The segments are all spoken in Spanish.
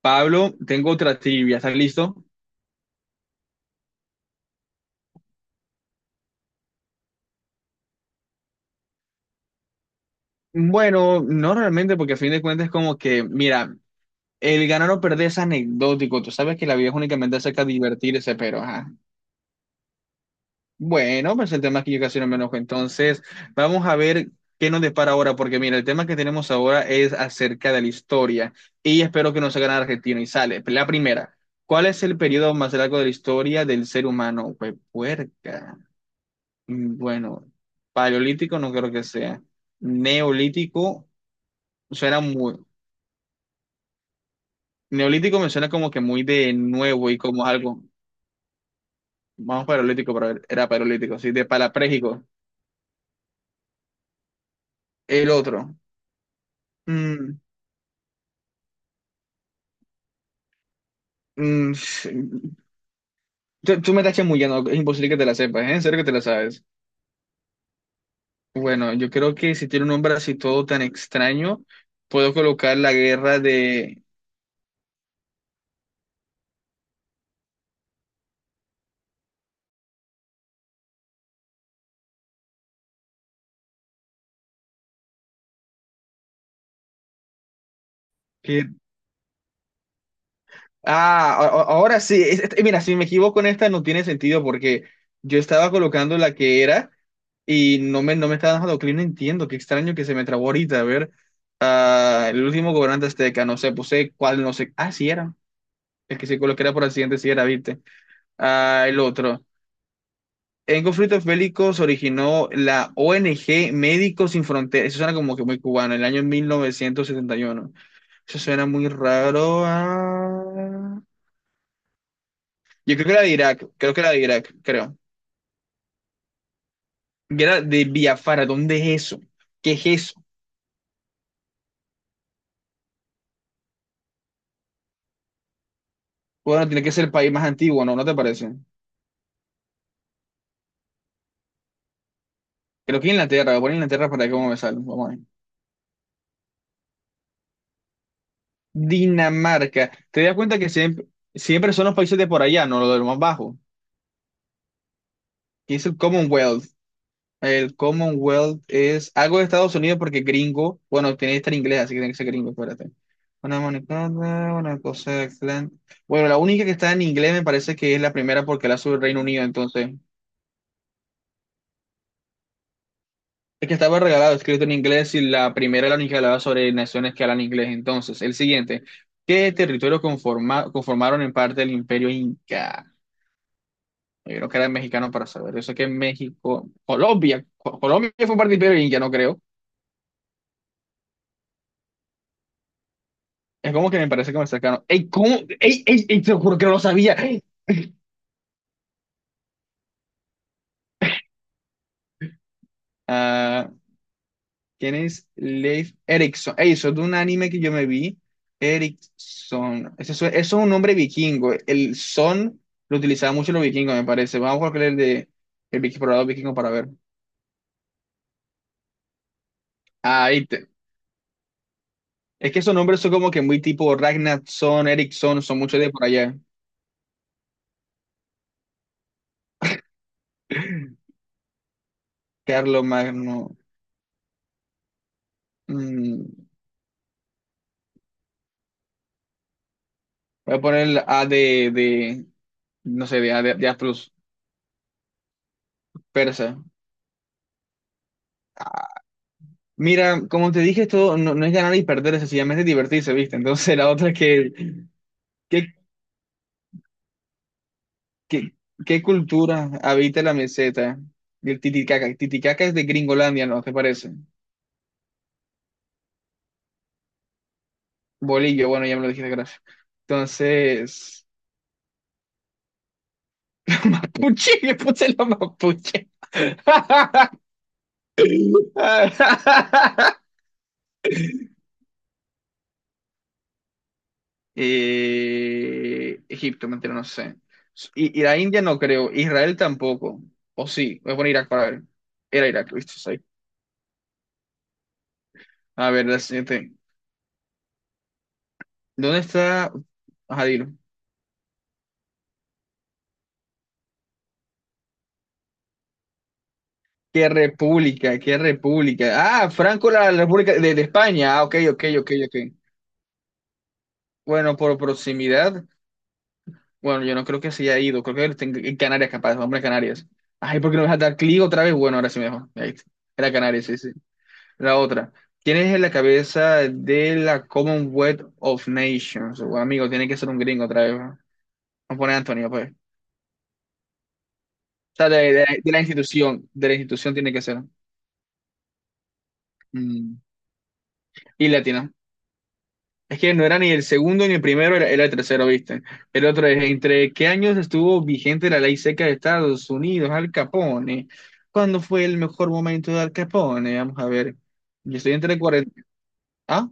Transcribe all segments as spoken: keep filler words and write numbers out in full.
Pablo, tengo otra trivia, ¿estás listo? Bueno, no realmente, porque a fin de cuentas es como que, mira, el ganar o perder es anecdótico. Tú sabes que la vida es únicamente acerca de divertirse, pero ajá. Bueno, pues el tema es que yo casi no me enojo. Entonces, vamos a ver qué nos depara ahora, porque mira, el tema que tenemos ahora es acerca de la historia y espero que nos hagan argentino y sale. La primera, ¿cuál es el periodo más largo de la historia del ser humano? Pues puerca. Mm, Bueno, paleolítico no creo que sea. Neolítico suena muy. Neolítico me suena como que muy de nuevo y como algo. Vamos paleolítico, pero era paleolítico, sí, de palaprégico. El otro. Mm, mm, sí, tú, tú me estás chamullando, es imposible que te la sepas, ¿eh? En serio que te la sabes. Bueno, yo creo que si tiene un nombre así todo tan extraño, puedo colocar la guerra de. Ah, a- a- ahora sí. Es- es- Mira, si me equivoco en esta no tiene sentido porque yo estaba colocando la que era y no me, no me estaba dejando clic. No entiendo, qué extraño que se me trabó ahorita. A ver, ah, el último gobernante azteca, no sé, puse cuál, no sé. Ah, sí era. El que se coloqué era por accidente, sí era, viste. Ah, el otro. En conflictos bélicos originó la O N G Médicos Sin Fronteras. Eso suena como que muy cubano, el año mil novecientos setenta y uno. Eso suena muy raro. Ah. Yo creo que era de Irak, creo que era de Irak, creo. Que era de Biafara, ¿dónde es eso? ¿Qué es eso? Bueno, tiene que ser el país más antiguo, ¿no? ¿No te parece? Creo que Inglaterra, voy a poner Inglaterra para que cómo me sale. Vamos a ver. Dinamarca. ¿Te das cuenta que siempre, siempre son los países de por allá, no los de lo más bajo? ¿Qué es el Commonwealth? El Commonwealth es algo de Estados Unidos porque gringo, bueno, tiene que estar inglés, así que tiene que ser gringo, espérate. Una monoclonal, una cosa excelente. Bueno, la única que está en inglés me parece que es la primera porque la sube el Reino Unido, entonces el que estaba regalado, escrito en inglés, y la primera era la hablaba sobre naciones que hablan inglés. Entonces, el siguiente, ¿qué territorio conforma- conformaron en parte el Imperio Inca? Yo creo que era mexicano para saber. Yo sé que México, Colombia, Co- Colombia fue parte del Imperio Inca, no creo. Es como que me parece que me cercano. ¡Ey, cómo! ¡Ey, ey, ey! Te lo juro que no lo sabía. Ah, ¿quién es Leif Erikson? Ey, eso es de un anime que yo me vi. Erikson. Ese su- Eso, es un nombre vikingo. El son lo utilizaban mucho los vikingos, me parece. Vamos a buscar el de el viki- explorador vikingo para ver. Ahí te. Es que esos nombres son como que muy tipo Ragnarsson, Eriksson, son muchos de por allá. Carlos Magno. mm, voy a poner el A de, de- no sé, de A, de, de A plus, persa. Mira, como te dije, esto no, no es ganar y perder, es sencillamente divertirse, ¿viste? Entonces la otra es que, ¿qué ¿qué, qué cultura habita la meseta del Titicaca? Titicaca es de Gringolandia, ¿no? ¿Te parece? Bolillo, bueno, ya me lo dijiste, gracias. Entonces, mapuche, le puse la mapuche. Eh, Egipto, mentira, no sé. Y, y la India no creo, Israel tampoco. O sí, voy a poner Irak para ver. Era Irak, ¿viste? Sí. A ver, la siguiente. ¿Dónde está? Ajá, dilo. ¿Qué república? ¿Qué república? Ah, Franco, la la República de, de España. Ah, ok, ok, ok, ok. Bueno, por proximidad, bueno, yo no creo que se haya ido. Creo que está en en Canarias, capaz, hombre, en Canarias. Ay, ¿por qué no me vas a dar clic otra vez? Bueno, ahora sí mejor. Ahí está. Era Canarias, sí, sí. La otra. ¿Quién es la cabeza de la Commonwealth of Nations? Bueno, amigo, tiene que ser un gringo otra vez. ¿No? Vamos a poner a Antonio, pues. O sea, de, de- de la institución. De la institución tiene que ser. Mm. Y latino. Es que no era ni el segundo ni el primero, era, era el tercero, ¿viste? El otro es, ¿entre qué años estuvo vigente la ley seca de Estados Unidos, Al Capone? ¿Cuándo fue el mejor momento de Al Capone? Vamos a ver. Yo estoy entre cuarenta... Ah,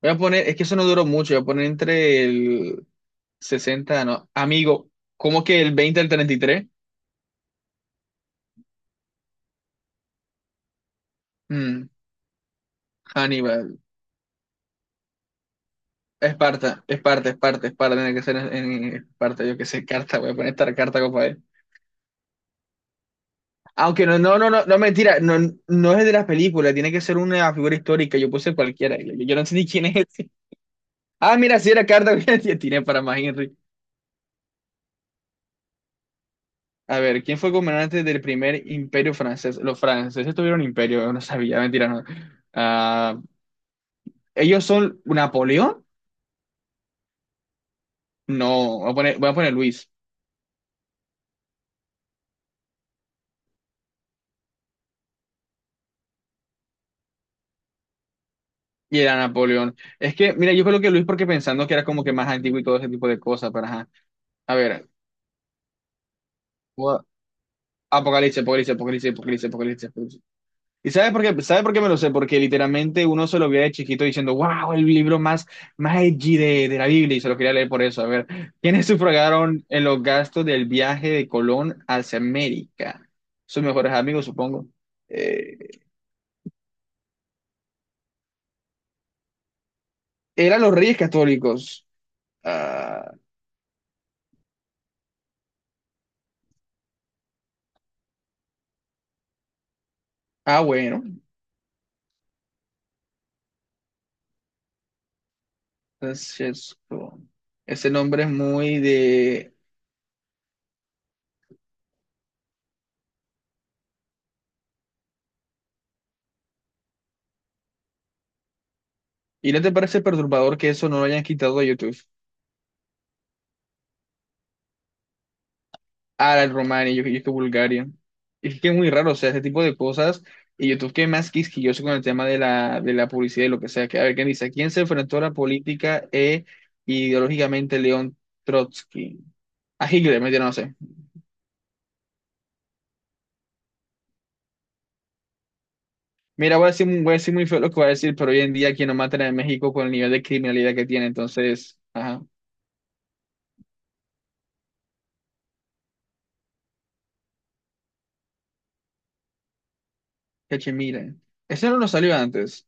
voy a poner, es que eso no duró mucho, voy a poner entre el sesenta, no. Amigo, ¿cómo que el veinte al treinta y tres? Mm, Hannibal. Esparta, Esparta, Esparta, Esparta, tiene que ser en, en Esparta, yo qué sé, carta, voy a poner esta carta, copa. Aunque no, no, no, no, no, mentira, no, no es de las películas, tiene que ser una figura histórica, yo puse cualquiera, yo, yo no sé ni quién es ese. Ah, mira, sí era Carta, tiré para más Henry. A ver, ¿quién fue gobernante del primer imperio francés? Los franceses tuvieron imperio, yo no sabía, mentira, no. Ah, ¿ellos son Napoleón? No, voy a poner, voy a poner Luis, y era Napoleón. Es que, mira, yo creo que Luis porque pensando que era como que más antiguo y todo ese tipo de cosas, pero ajá. A ver, gua- Apocalipsis, Apocalipsis, Apocalipsis, Apocalipsis, Apocalipsis. ¿Y sabes por qué? ¿Sabe por qué me lo sé? Porque literalmente uno se lo veía de chiquito diciendo, wow, el libro más, más edgy de, de la Biblia, y se lo quería leer por eso. A ver, ¿quiénes sufragaron en los gastos del viaje de Colón hacia América? Sus mejores amigos, supongo. Eh, eran los reyes católicos. Ah, ah, bueno, Francesco. Ese nombre es muy de... ¿Y no te parece perturbador que eso no lo hayan quitado de YouTube? Ah, el Romani, yo, yo estoy Bulgaria. Es que es muy raro, o sea, ese tipo de cosas. Y YouTube que es más quisquilloso con el tema de la, de la publicidad y lo que sea. Que, a ver, ¿quién dice? ¿Quién se enfrentó a la política e ideológicamente León Trotsky? A Hitler, mentira, no sé. Mira, voy a decir, voy a decir muy feo lo que voy a decir, pero hoy en día aquí no matan en México con el nivel de criminalidad que tiene. Entonces, ajá, que mira. Ese no lo salió antes.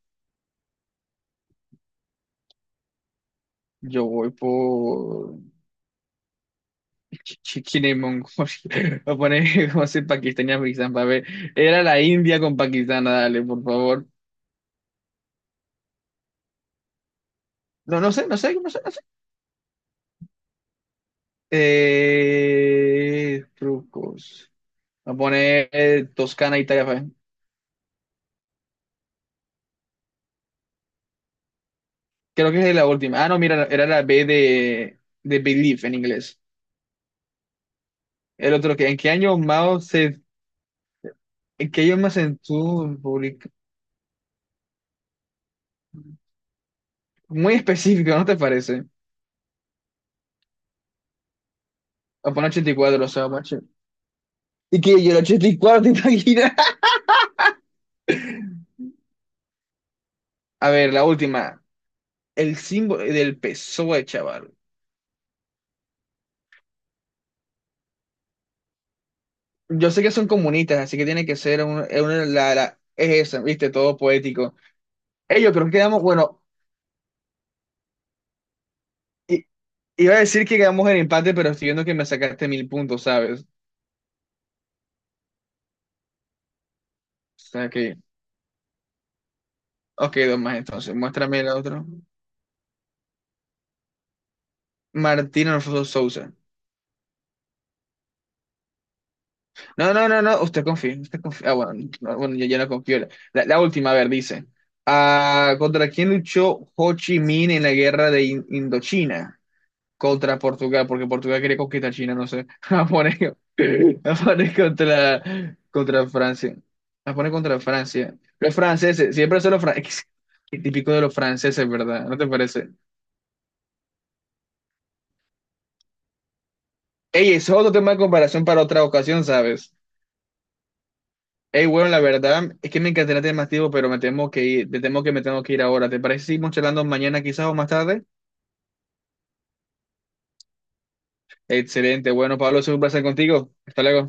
Yo voy por... China y Mongolia. Voy a poner como si Pakistán y Afganistán para ver. Era la India con Pakistán, dale, por favor. No, no sé, no sé, no sé, no sé. Eh, trucos. Voy a poner eh, Toscana, Italia. Pa' ver. Creo que es la última. Ah, no, mira, era la B de, de Belief en inglés. El otro que, ¿en qué año Mao se, ¿en qué año Mao Zedong publicó? Muy específico, ¿no te parece? Voy a poner ochenta y cuatro, o sea, macho. Y que yo el ochenta y cuatro, ¿te imaginas? A ver, la última. El símbolo del PSOE, chaval. Yo sé que son comunistas, así que tiene que ser un- eh, una, la, la- es eso, viste, todo poético. Ellos creo que quedamos, bueno, i- iba a decir que quedamos en empate, pero estoy viendo que me sacaste mil puntos, ¿sabes? O sea que, ok, dos más entonces, muéstrame el otro. Martín Alfonso Sousa. No, no, no, no, usted confía, usted confía. Ah, bueno, no, bueno, yo ya no confío. La, la la última, a ver, dice. Ah, ¿contra quién luchó Ho Chi Minh en la guerra de In- Indochina? Contra Portugal, porque Portugal quería conquistar China, no sé. La pone, la pone contra, contra Francia. La pone contra Francia. Los franceses, siempre son los franceses. Qué típico de los franceses, ¿verdad? ¿No te parece? Ey, eso es otro tema de comparación para otra ocasión, ¿sabes? Ey, bueno, la verdad es que me encantaría tener más tiempo, pero me temo que ir, te temo que me tengo que ir ahora. ¿Te parece si seguimos charlando mañana quizás o más tarde? Excelente. Bueno, Pablo, es un placer contigo. Hasta luego.